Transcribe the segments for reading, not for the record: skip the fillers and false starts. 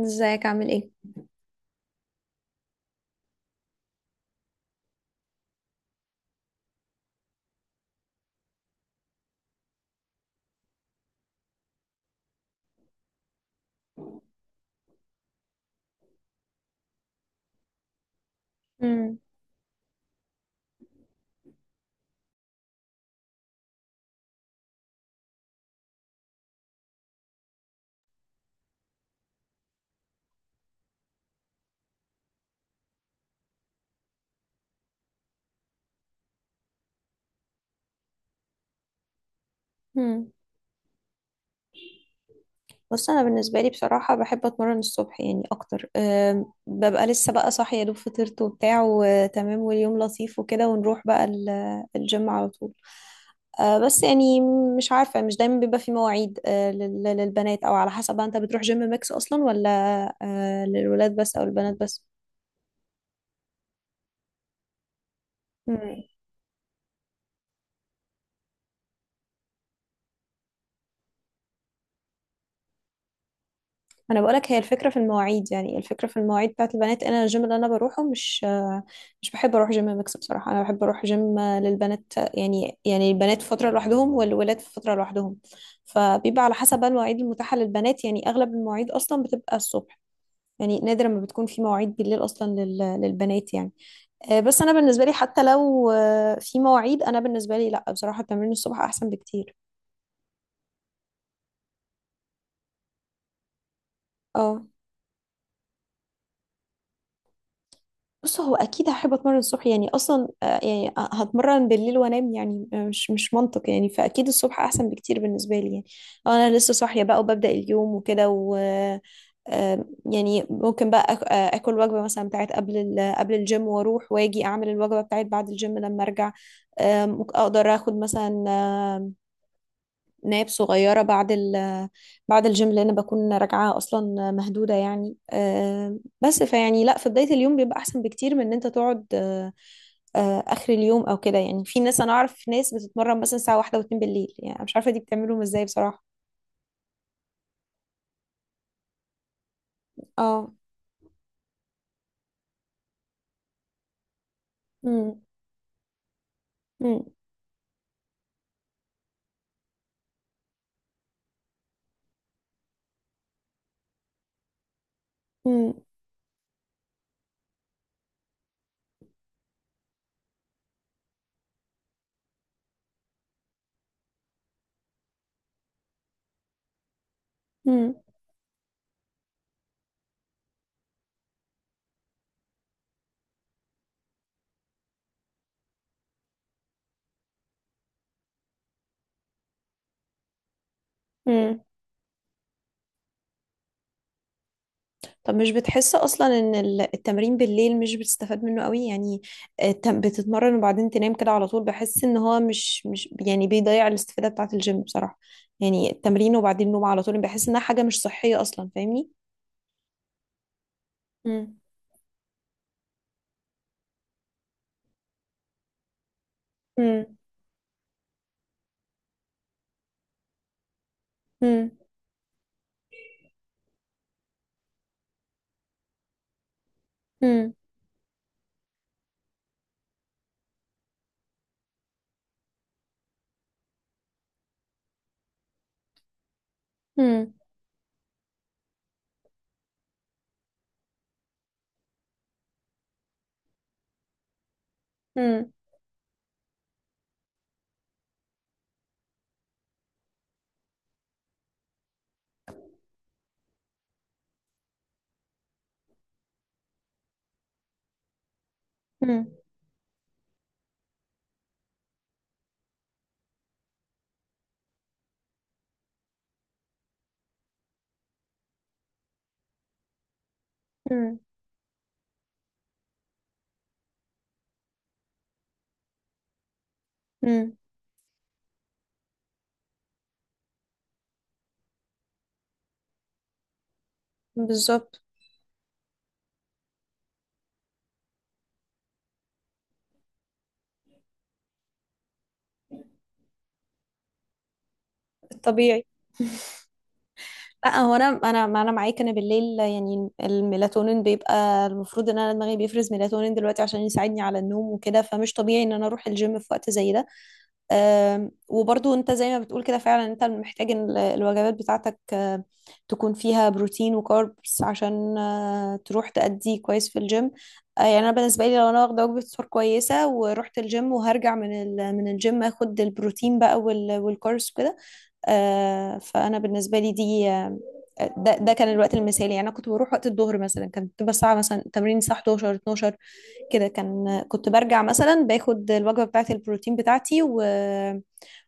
ازيك عامل ايه؟ مم. مم. بص، انا بالنسبه لي بصراحه بحب اتمرن الصبح يعني اكتر. ببقى لسه بقى صاحيه يا دوب فطرت وبتاع وتمام واليوم لطيف وكده، ونروح بقى الجيم على طول. بس يعني مش عارفة، مش دايما بيبقى في مواعيد، للبنات، أو على حسب بقى. أنت بتروح جيم ميكس أصلا، ولا للولاد بس أو البنات بس؟ مم. أنا بقولك، هي الفكرة في المواعيد، يعني الفكرة في المواعيد بتاعت البنات. أنا الجيم اللي أنا بروحه مش بحب أروح جيم ميكس بصراحة. أنا بحب أروح جيم للبنات، يعني يعني البنات في فترة لوحدهم والولاد في فترة لوحدهم. فبيبقى على حسب بقى المواعيد المتاحة للبنات. يعني أغلب المواعيد أصلا بتبقى الصبح، يعني نادرا ما بتكون في مواعيد بالليل أصلا للبنات يعني. بس انا بالنسبه لي، حتى لو في مواعيد، انا بالنسبه لي لا، بصراحه تمرين الصبح احسن بكتير. اه. بص، هو اكيد هحب اتمرن الصبح يعني اصلا. يعني هتمرن بالليل وانام؟ يعني مش منطق يعني، فاكيد الصبح احسن بكتير بالنسبه لي يعني. انا لسه صاحيه بقى وببدا اليوم وكده، و آه، يعني ممكن بقى اكل وجبه مثلا بتاعت قبل قبل الجيم، واروح واجي اعمل الوجبه بتاعت بعد الجيم لما ارجع. ممكن اقدر اخد مثلا ناب صغيرة بعد بعد الجيم، لأن بكون راجعة أصلا مهدودة يعني. بس فيعني لا، في بداية اليوم بيبقى أحسن بكتير من إن أنت تقعد آخر اليوم أو كده. يعني في ناس، أنا أعرف ناس بتتمرن مثلا الساعة واحدة واتنين بالليل، يعني مش عارفة دي بتعملهم إزاي بصراحة. اه. مم. مم. مم. مم. مم. طب مش بتحس اصلا ان التمرين بالليل مش بتستفاد منه قوي يعني؟ بتتمرن وبعدين تنام كده على طول، بحس ان هو مش يعني بيضيع الاستفادة بتاعة الجيم بصراحة. يعني التمرين وبعدين نوم على طول، بحس انها حاجة مش صحية اصلا، فاهمني؟ مم. مم. مم. مم. مم. مم. مم. مم. مم. بالظبط. الطبيعي. لا، هو انا، انا ما انا معاك. انا بالليل يعني الميلاتونين بيبقى، المفروض ان انا دماغي بيفرز ميلاتونين دلوقتي عشان يساعدني على النوم وكده، فمش طبيعي ان انا اروح الجيم في وقت زي ده. وبرضو انت زي ما بتقول كده، فعلا انت محتاج إن الوجبات بتاعتك تكون فيها بروتين وكاربس عشان تروح تأدي كويس في الجيم. يعني انا بالنسبه لي، لو انا واخده وجبه سحور كويسه ورحت الجيم، وهرجع من من الجيم، اخد البروتين بقى والكاربس وكده. فانا بالنسبه لي دي ده كان الوقت المثالي. يعني انا كنت بروح وقت الظهر مثلا، كانت بتبقى الساعه، مثلا تمرين الساعه 11 12 كده، كان كنت برجع مثلا باخد الوجبه بتاعه البروتين بتاعتي، و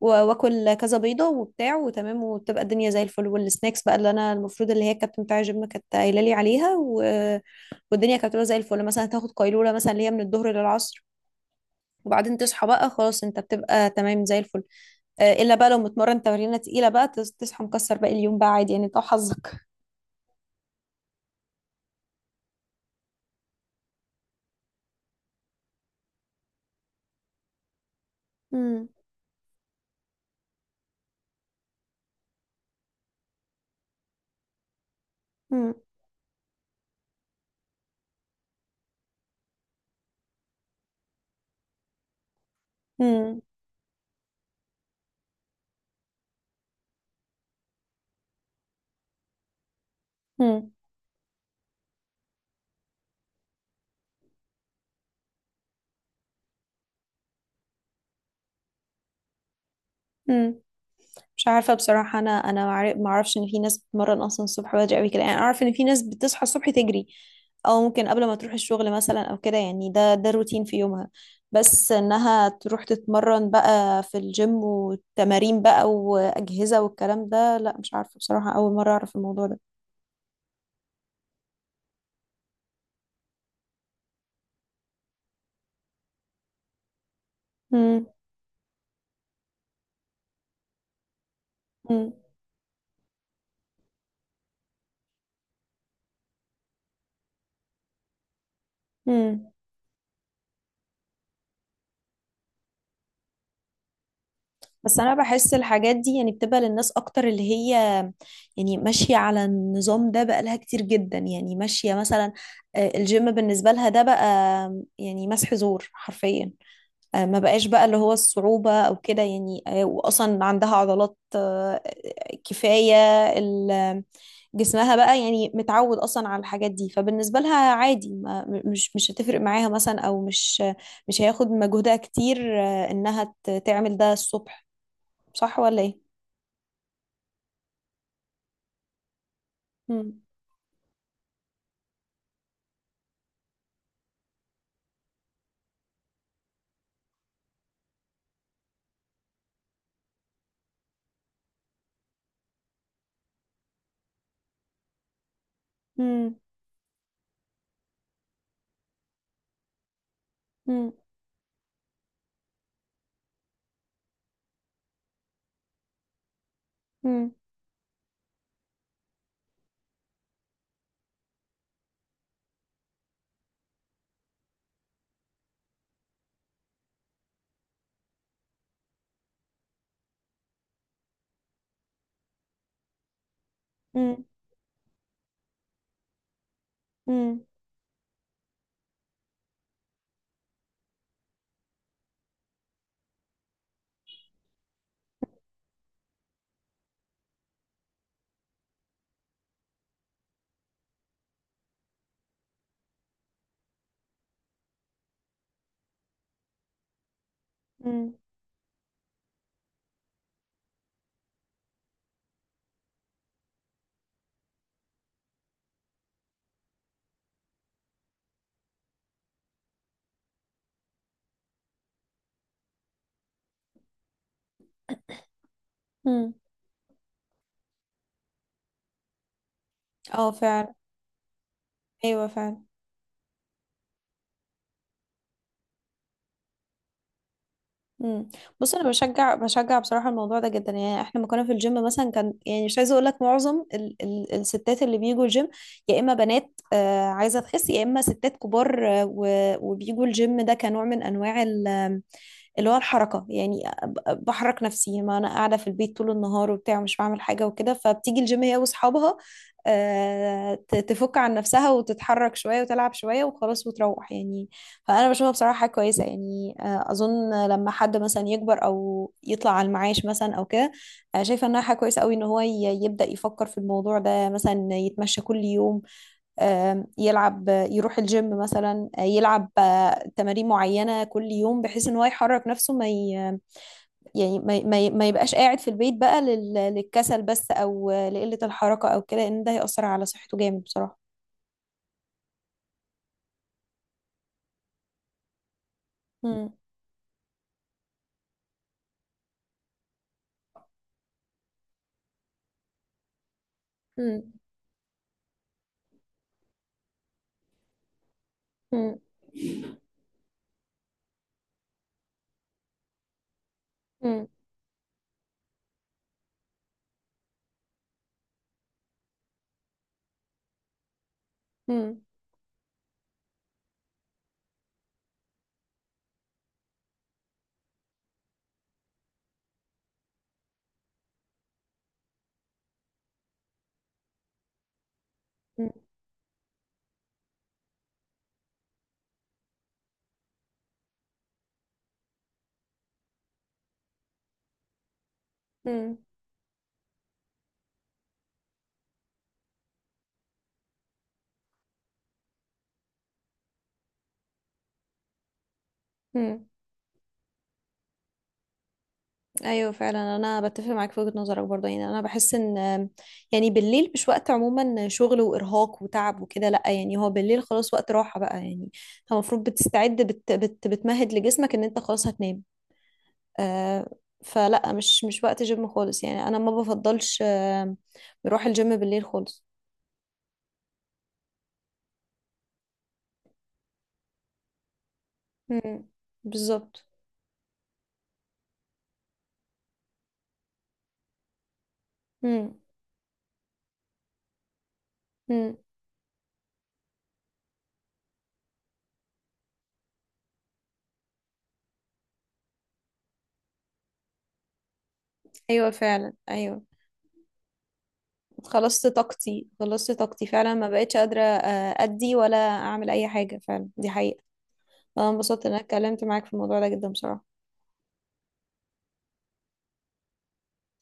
و- واكل كذا بيضه وبتاع وتمام، وبتبقى الدنيا زي الفل، والسناكس بقى اللي انا المفروض، اللي هي الكابتن بتاع الجيم كانت قايله لي عليها، و... والدنيا كانت بتبقى زي الفل. مثلا تاخد قيلوله مثلا، اللي هي من الظهر للعصر، وبعدين تصحى بقى خلاص، انت بتبقى تمام زي الفل. الا بقى لو متمرن تمرينه تقيله بقى، صحى مكسر باقي اليوم، بقى عادي يعني، انت وحظك. مم. مم. مم. مم. مم. مش عارفه بصراحه. انا ما اعرفش ان في ناس بتتمرن اصلا الصبح بدري قوي كده يعني. اعرف ان في ناس بتصحى الصبح تجري، او ممكن قبل ما تروح الشغل مثلا او كده، يعني ده الروتين في يومها. بس انها تروح تتمرن بقى في الجيم، وتمارين بقى واجهزه والكلام ده، لا مش عارفه بصراحه، اول مره اعرف الموضوع ده. مم. مم. مم. بس انا بحس الحاجات دي يعني بتبقى للناس اكتر، اللي هي يعني ماشيه على النظام ده بقالها كتير جدا، يعني ماشيه مثلا. الجيم بالنسبه لها ده بقى يعني مسح زور حرفيا. ما بقاش بقى اللي هو الصعوبة أو كده يعني. وأصلا عندها عضلات كفاية. ال- جسمها بقى يعني متعود أصلا على الحاجات دي، فبالنسبة لها عادي، ما مش مش هتفرق معاها مثلا، أو مش هياخد مجهودها كتير. إنها تعمل ده الصبح. صح ولا ايه؟ مم. مم. مم. مم. مم. مم. مم. مم. اه فعلا. ايوه فعلا. مم. بص، انا بشجع بصراحه الموضوع ده جدا. يعني احنا لما كنا في الجيم مثلا، كان يعني، مش عايزه اقول لك، معظم ال الستات اللي بيجوا الجيم، يا اما بنات عايزه تخس، يا اما ستات كبار وبيجوا الجيم ده كنوع من انواع اللي هو الحركة. يعني بحرك نفسي، ما أنا قاعدة في البيت طول النهار وبتاع ومش بعمل حاجة وكده، فبتيجي الجيم هي وأصحابها، تفك عن نفسها وتتحرك شوية وتلعب شوية وخلاص وتروح يعني. فأنا بشوفها بصراحة حاجة كويسة يعني. أظن لما حد مثلا يكبر أو يطلع على المعاش مثلا أو كده، شايفة إنها حاجة كويسة أوي إن هو يبدأ يفكر في الموضوع ده، مثلا يتمشى كل يوم، يلعب، يروح الجيم مثلا، يلعب تمارين معينة كل يوم، بحيث ان هو يحرك نفسه. ما ي... يعني ما يبقاش قاعد في البيت بقى للكسل بس، او لقلة الحركة او كده، ان ده هيأثر على صحته جامد بصراحة. مم. مم. مم. مم. مم. مم. مم. ايوه فعلا، انا بتفق معاك في وجهة نظرك برضه. يعني انا بحس ان، يعني بالليل مش وقت عموما شغل وارهاق وتعب وكده، لا يعني هو بالليل خلاص وقت راحة بقى يعني. انت المفروض بتستعد، بت بت بتمهد لجسمك ان انت خلاص هتنام. آه. فلا، مش وقت جيم خالص يعني، انا ما بفضلش آه، بروح الجيم بالليل خالص. امم. بالظبط. امم. امم. ايوه فعلا، ايوه. خلصت طاقتي، خلصت طاقتي فعلا، ما بقتش قادرة ادي ولا اعمل اي حاجة، فعلا دي حقيقة. انا انبسطت ان انا اتكلمت معاك في الموضوع ده جدا بصراحة.